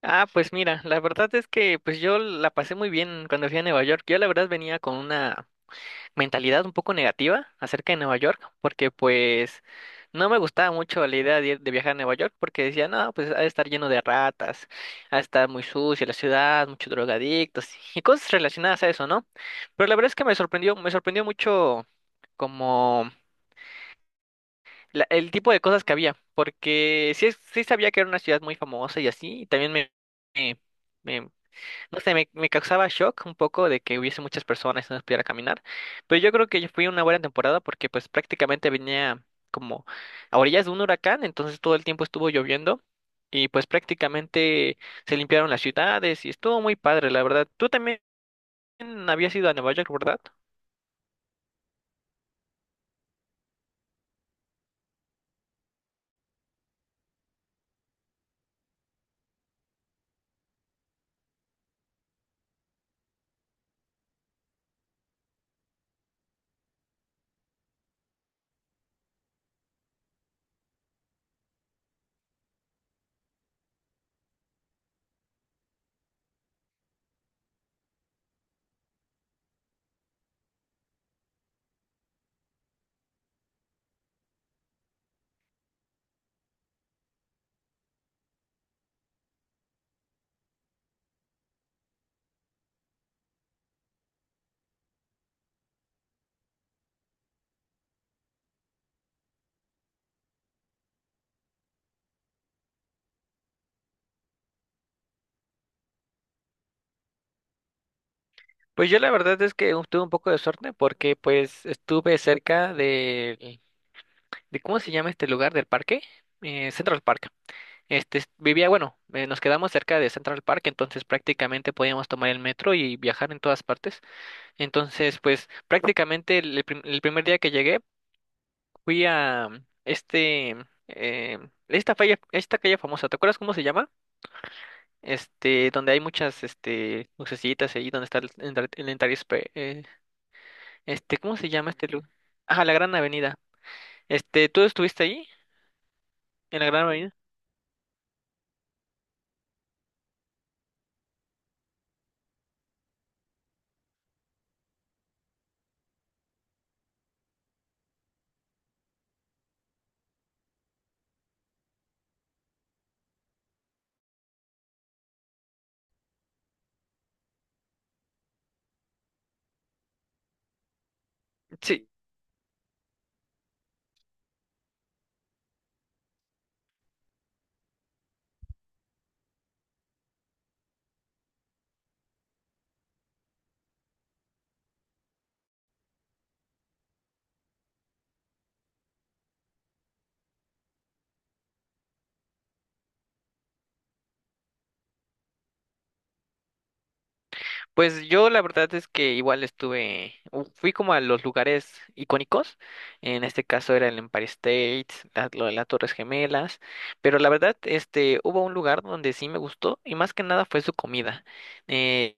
Ah, pues mira, la verdad es que pues yo la pasé muy bien cuando fui a Nueva York. Yo la verdad venía con una mentalidad un poco negativa acerca de Nueva York, porque pues no me gustaba mucho la idea de viajar a Nueva York, porque decía, no, pues ha de estar lleno de ratas, ha de estar muy sucia la ciudad, muchos drogadictos y cosas relacionadas a eso, ¿no? Pero la verdad es que me sorprendió mucho como el tipo de cosas que había, porque sí, sí sabía que era una ciudad muy famosa y así, y también me- me- no sé, me causaba shock un poco de que hubiese muchas personas y no pudiera caminar, pero yo creo que yo fui una buena temporada porque pues prácticamente venía como a orillas de un huracán, entonces todo el tiempo estuvo lloviendo y pues prácticamente se limpiaron las ciudades y estuvo muy padre, la verdad. Tú también habías ido a Nueva York, ¿verdad? Pues yo la verdad es que tuve un poco de suerte porque pues estuve cerca de ¿cómo se llama este lugar del parque? Central Park. Vivía, bueno, nos quedamos cerca de Central Park, entonces prácticamente podíamos tomar el metro y viajar en todas partes. Entonces, pues prácticamente el primer día que llegué fui a este, eh, esta calle famosa, ¿te acuerdas cómo se llama? Donde hay muchas, lucecitas ahí, donde está el, Entar- el Entire Spa- este, ¿cómo se llama este lugar? Ah, la Gran Avenida. ¿Tú estuviste ahí? ¿En la Gran Avenida? Sí. Pues yo la verdad es que igual estuve, fui como a los lugares icónicos, en este caso era el Empire State, lo de las Torres Gemelas, pero la verdad hubo un lugar donde sí me gustó y más que nada fue su comida. Eh,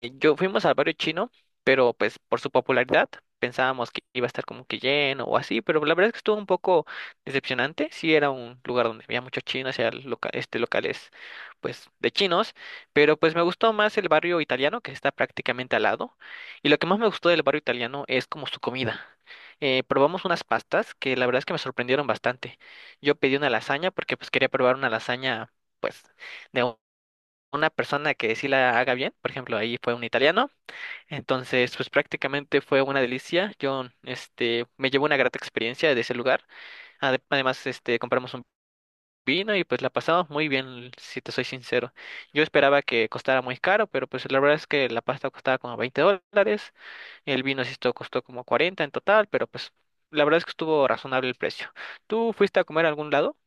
Yo fuimos al barrio chino, pero pues por su popularidad pensábamos que iba a estar como que lleno o así, pero la verdad es que estuvo un poco decepcionante. Sí era un lugar donde había muchos chinos, era locales pues de chinos, pero pues me gustó más el barrio italiano que está prácticamente al lado. Y lo que más me gustó del barrio italiano es como su comida. Probamos unas pastas que la verdad es que me sorprendieron bastante. Yo pedí una lasaña porque pues quería probar una lasaña pues de una persona que sí la haga bien, por ejemplo, ahí fue un italiano, entonces pues prácticamente fue una delicia, yo me llevó una grata experiencia de ese lugar. Además compramos un vino y pues la pasamos muy bien, si te soy sincero. Yo esperaba que costara muy caro, pero pues la verdad es que la pasta costaba como $20, el vino sí esto costó como 40 en total, pero pues la verdad es que estuvo razonable el precio. ¿Tú fuiste a comer a algún lado?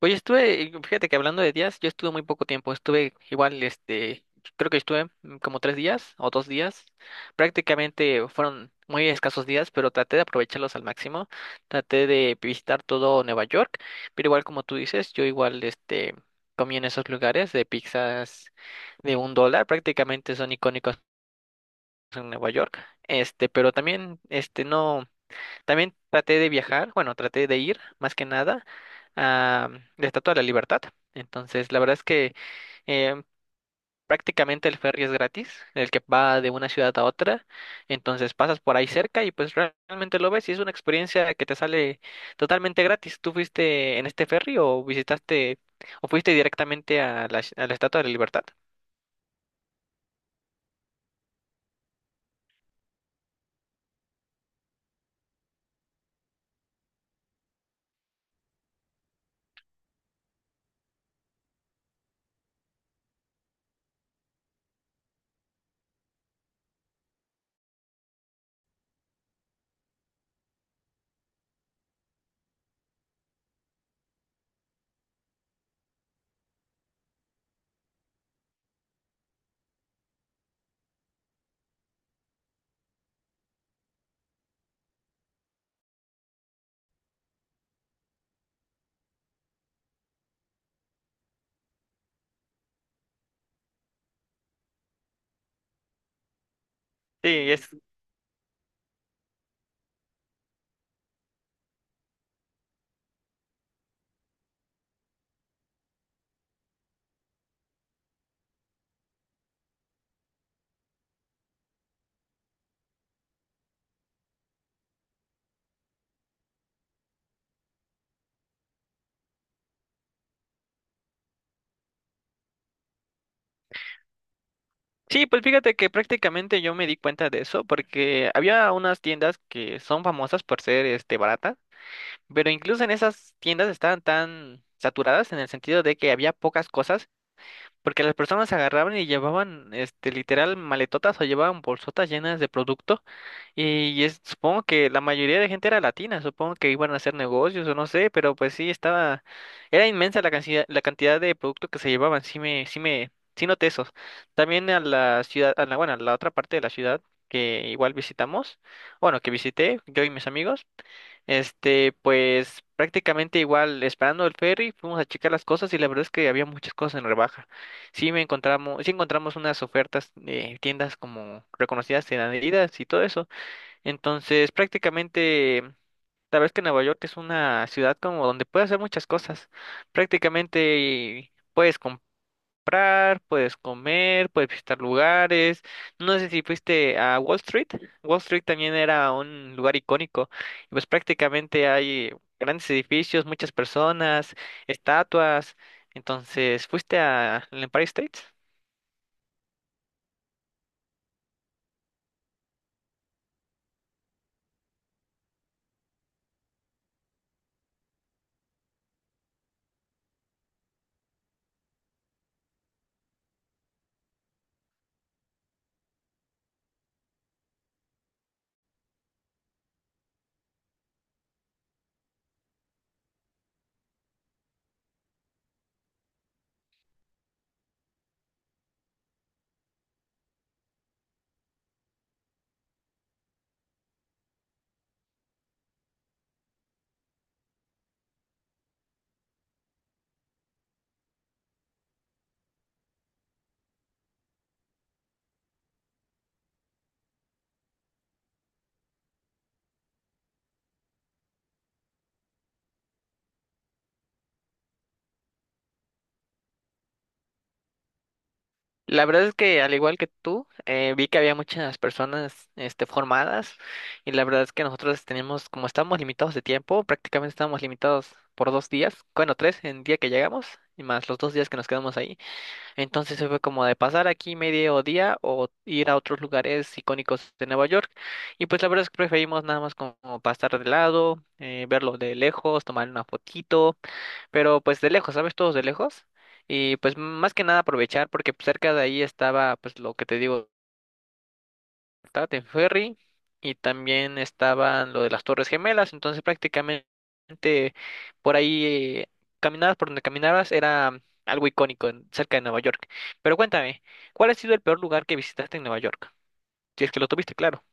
Oye, estuve, fíjate que hablando de días, yo estuve muy poco tiempo, estuve igual, creo que estuve como 3 días o 2 días, prácticamente fueron muy escasos días, pero traté de aprovecharlos al máximo, traté de visitar todo Nueva York, pero igual como tú dices, yo igual, comí en esos lugares de pizzas de $1, prácticamente son icónicos en Nueva York, pero también, no. También traté de viajar, bueno, traté de ir más que nada a la Estatua de la Libertad. Entonces, la verdad es que eh, prácticamente el ferry es gratis, el que va de una ciudad a otra. Entonces pasas por ahí cerca y pues realmente lo ves y es una experiencia que te sale totalmente gratis. ¿Tú fuiste en este ferry o visitaste o fuiste directamente a a la Estatua de la Libertad? Sí, es... Sí, pues fíjate que prácticamente yo me di cuenta de eso porque había unas tiendas que son famosas por ser baratas. Pero incluso en esas tiendas estaban tan saturadas en el sentido de que había pocas cosas, porque las personas agarraban y llevaban, este, literal maletotas o llevaban bolsotas llenas de producto. Y supongo que la mayoría de gente era latina, supongo que iban a hacer negocios o no sé, pero pues sí estaba, era inmensa la cantidad de producto que se llevaban, sí noté esos. También a la ciudad, a la, bueno, a la otra parte de la ciudad que igual visitamos, bueno, que visité yo y mis amigos. Pues prácticamente igual, esperando el ferry, fuimos a checar las cosas y la verdad es que había muchas cosas en rebaja. Sí encontramos unas ofertas de tiendas como reconocidas en Adidas y todo eso. Entonces, prácticamente, la verdad es que Nueva York es una ciudad como donde puedes hacer muchas cosas. Prácticamente puedes comprar, puedes comer, puedes visitar lugares. No sé si fuiste a Wall Street. Wall Street también era un lugar icónico. Y pues prácticamente hay grandes edificios, muchas personas, estatuas. Entonces, ¿fuiste a el Empire State? La verdad es que al igual que tú, vi que había muchas personas formadas y la verdad es que nosotros tenemos, como estamos limitados de tiempo, prácticamente estamos limitados por 2 días, bueno, tres en el día que llegamos y más los 2 días que nos quedamos ahí. Entonces se fue como de pasar aquí medio día o ir a otros lugares icónicos de Nueva York. Y pues la verdad es que preferimos nada más como pasar de lado, verlo de lejos, tomar una fotito, pero pues de lejos, ¿sabes? Todos de lejos. Y pues más que nada aprovechar porque pues, cerca de ahí estaba pues lo que te digo de ferry y también estaban lo de las Torres Gemelas, entonces prácticamente por ahí caminabas por donde caminabas era algo icónico cerca de Nueva York. Pero cuéntame, ¿cuál ha sido el peor lugar que visitaste en Nueva York? Si es que lo tuviste, claro.